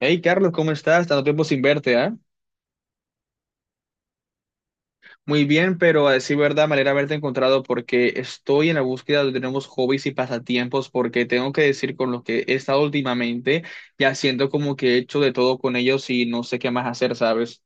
Hey Carlos, ¿cómo estás? Tanto tiempo sin verte, ¿ah? Muy bien, pero a decir verdad, me alegra haberte encontrado porque estoy en la búsqueda de nuevos hobbies y pasatiempos porque tengo que decir con los que he estado últimamente, ya siento como que he hecho de todo con ellos y no sé qué más hacer, ¿sabes?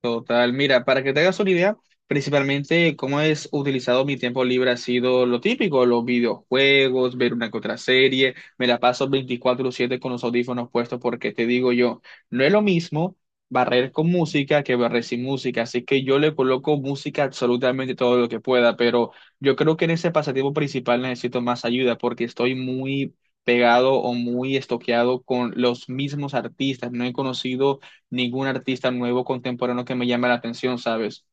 Total, mira, para que te hagas una idea, principalmente cómo es utilizado mi tiempo libre ha sido lo típico, los videojuegos, ver una que otra serie, me la paso 24/7 con los audífonos puestos porque te digo yo, no es lo mismo barrer con música que barrer sin música, así que yo le coloco música absolutamente todo lo que pueda, pero yo creo que en ese pasatiempo principal necesito más ayuda porque estoy muy pegado o muy estoqueado con los mismos artistas, no he conocido ningún artista nuevo contemporáneo que me llame la atención, ¿sabes?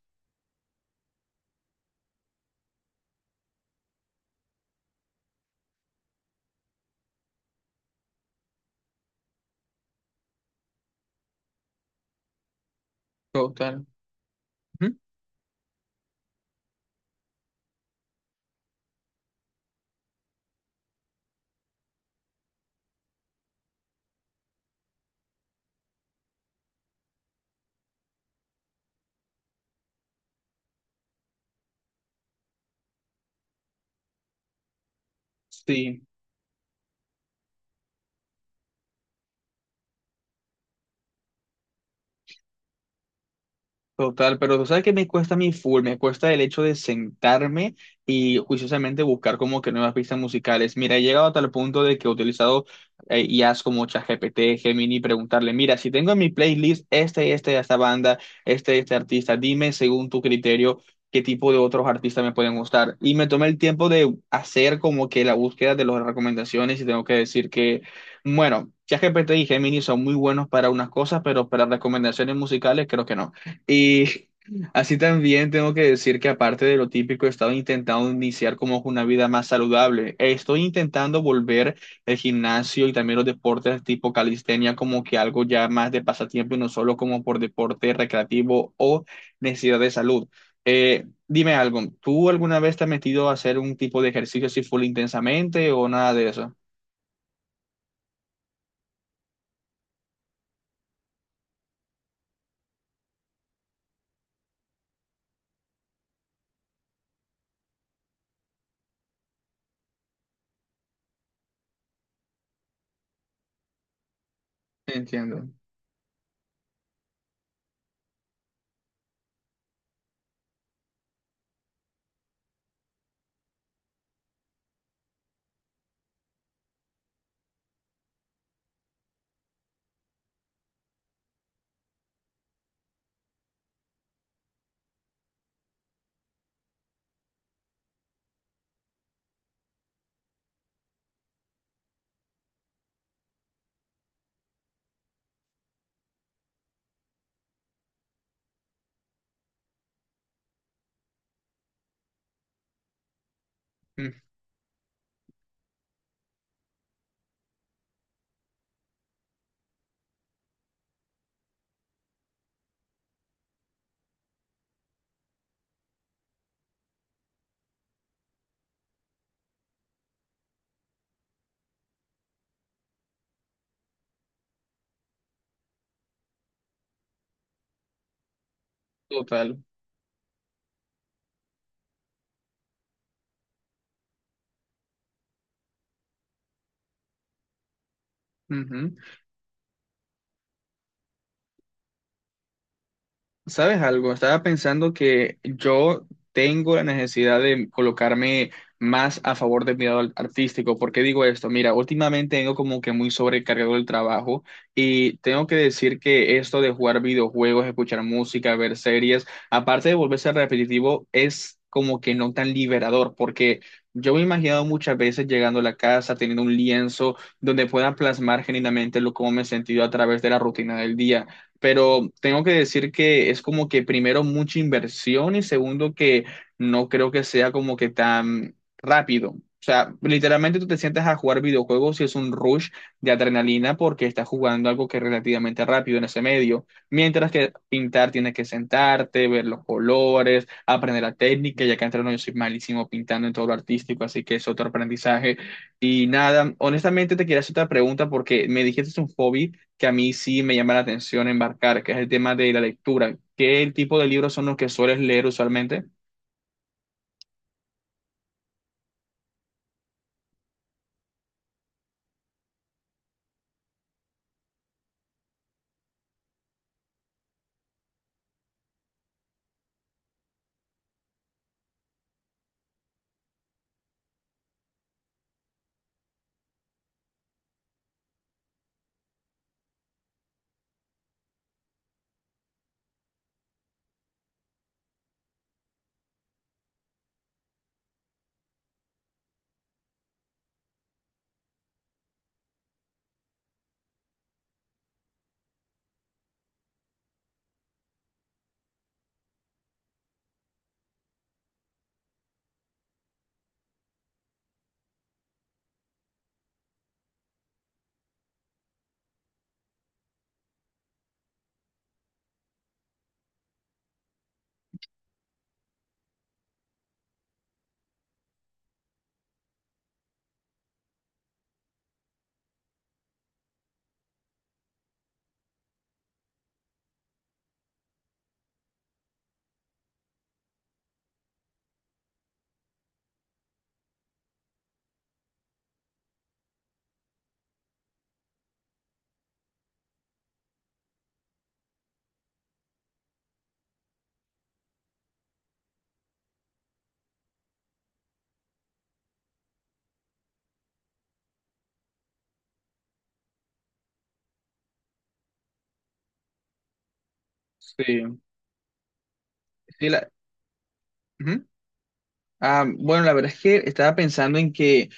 Total. Ujú. Sí. Total, pero tú sabes que me cuesta mi full, me cuesta el hecho de sentarme y juiciosamente buscar como que nuevas pistas musicales. Mira, he llegado a tal punto de que he utilizado IAs como ChatGPT, Gemini, preguntarle, mira, si tengo en mi playlist esta banda, este artista, dime según tu criterio qué tipo de otros artistas me pueden gustar. Y me tomé el tiempo de hacer como que la búsqueda de las recomendaciones y tengo que decir que... Bueno, ChatGPT y Gemini son muy buenos para unas cosas, pero para recomendaciones musicales creo que no. Y así también tengo que decir que aparte de lo típico, he estado intentando iniciar como una vida más saludable. Estoy intentando volver el gimnasio y también los deportes tipo calistenia como que algo ya más de pasatiempo y no solo como por deporte recreativo o necesidad de salud. Dime algo, ¿tú alguna vez te has metido a hacer un tipo de ejercicio así full intensamente o nada de eso? Entiendo. Mm. Total. ¿Sabes algo? Estaba pensando que yo tengo la necesidad de colocarme más a favor de mi lado artístico. ¿Por qué digo esto? Mira, últimamente tengo como que muy sobrecargado el trabajo y tengo que decir que esto de jugar videojuegos, escuchar música, ver series, aparte de volverse repetitivo, es como que no tan liberador, porque yo me he imaginado muchas veces llegando a la casa, teniendo un lienzo donde pueda plasmar genuinamente lo cómo me he sentido a través de la rutina del día, pero tengo que decir que es como que primero mucha inversión y segundo que no creo que sea como que tan rápido. O sea, literalmente tú te sientas a jugar videojuegos y es un rush de adrenalina porque estás jugando algo que es relativamente rápido en ese medio. Mientras que pintar tienes que sentarte, ver los colores, aprender la técnica, ya que entre no yo soy malísimo pintando en todo lo artístico, así que es otro aprendizaje. Y nada, honestamente te quería hacer otra pregunta porque me dijiste es un hobby que a mí sí me llama la atención embarcar, que es el tema de la lectura. ¿Qué tipo de libros son los que sueles leer usualmente? Sí, sí, ujú. Ah, bueno, la verdad es que estaba pensando en que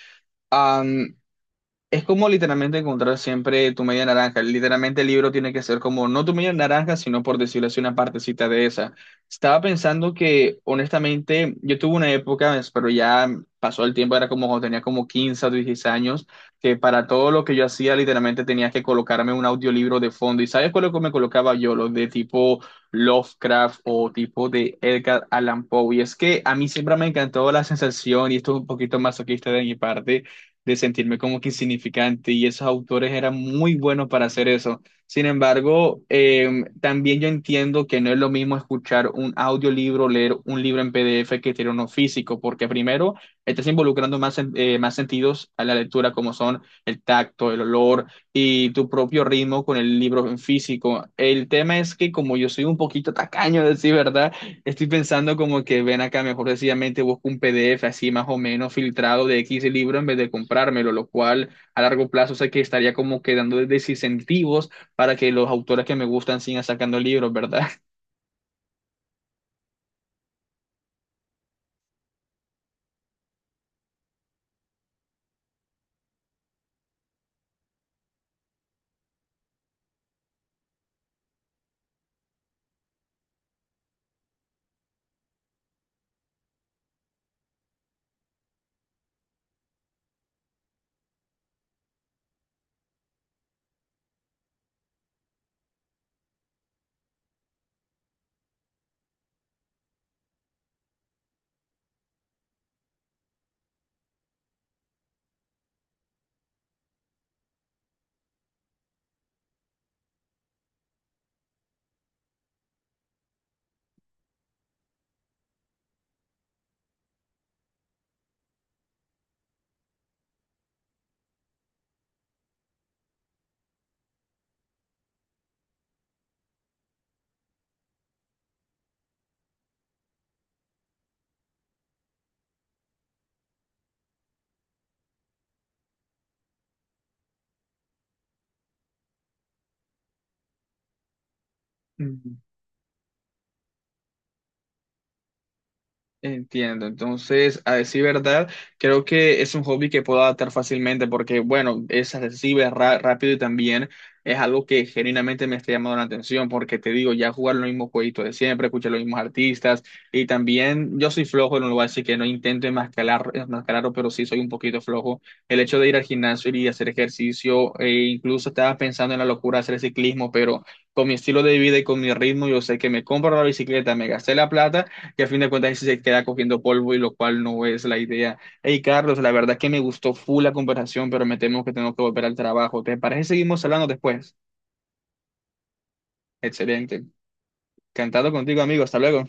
es como literalmente encontrar siempre tu media naranja. Literalmente el libro tiene que ser como no tu media naranja, sino por decirlo así, una partecita de esa. Estaba pensando que, honestamente, yo tuve una época, pero ya pasó el tiempo, era como cuando tenía como 15 o 16 años, que para todo lo que yo hacía, literalmente tenía que colocarme un audiolibro de fondo. ¿Y sabes cuál es lo que me colocaba yo? Los de tipo Lovecraft o tipo de Edgar Allan Poe. Y es que a mí siempre me encantó la sensación, y esto es un poquito masoquista de mi parte de sentirme como que insignificante y esos autores eran muy buenos para hacer eso. Sin embargo, también yo entiendo que no es lo mismo escuchar un audiolibro, leer un libro en PDF que tener uno físico, porque primero estás involucrando más, más sentidos a la lectura, como son el tacto, el olor y tu propio ritmo con el libro en físico. El tema es que como yo soy un poquito tacaño, decir verdad, estoy pensando como que ven acá, mejor sencillamente busco un PDF así más o menos filtrado de X libro en vez de comprármelo, lo cual a largo plazo sé que estaría como quedando desincentivos para que los autores que me gustan sigan sacando libros, ¿verdad? Entiendo, entonces, a decir verdad, creo que es un hobby que puedo adaptar fácilmente porque, bueno, es accesible, rápido y también es algo que genuinamente me está llamando la atención porque te digo, ya jugar los mismos jueguitos de siempre, escuchar los mismos artistas y también yo soy flojo en un lugar, así que no intento enmascararlo, pero sí soy un poquito flojo. El hecho de ir al gimnasio y hacer ejercicio, e incluso estaba pensando en la locura de hacer ciclismo, pero con mi estilo de vida y con mi ritmo, yo sé que me compro la bicicleta, me gasté la plata que a fin de cuentas sí se queda cogiendo polvo y lo cual no es la idea. Hey, Carlos, la verdad es que me gustó full la conversación, pero me temo que tengo que volver al trabajo. ¿Te parece que seguimos hablando después? Excelente. Cantado contigo, amigo. Hasta luego.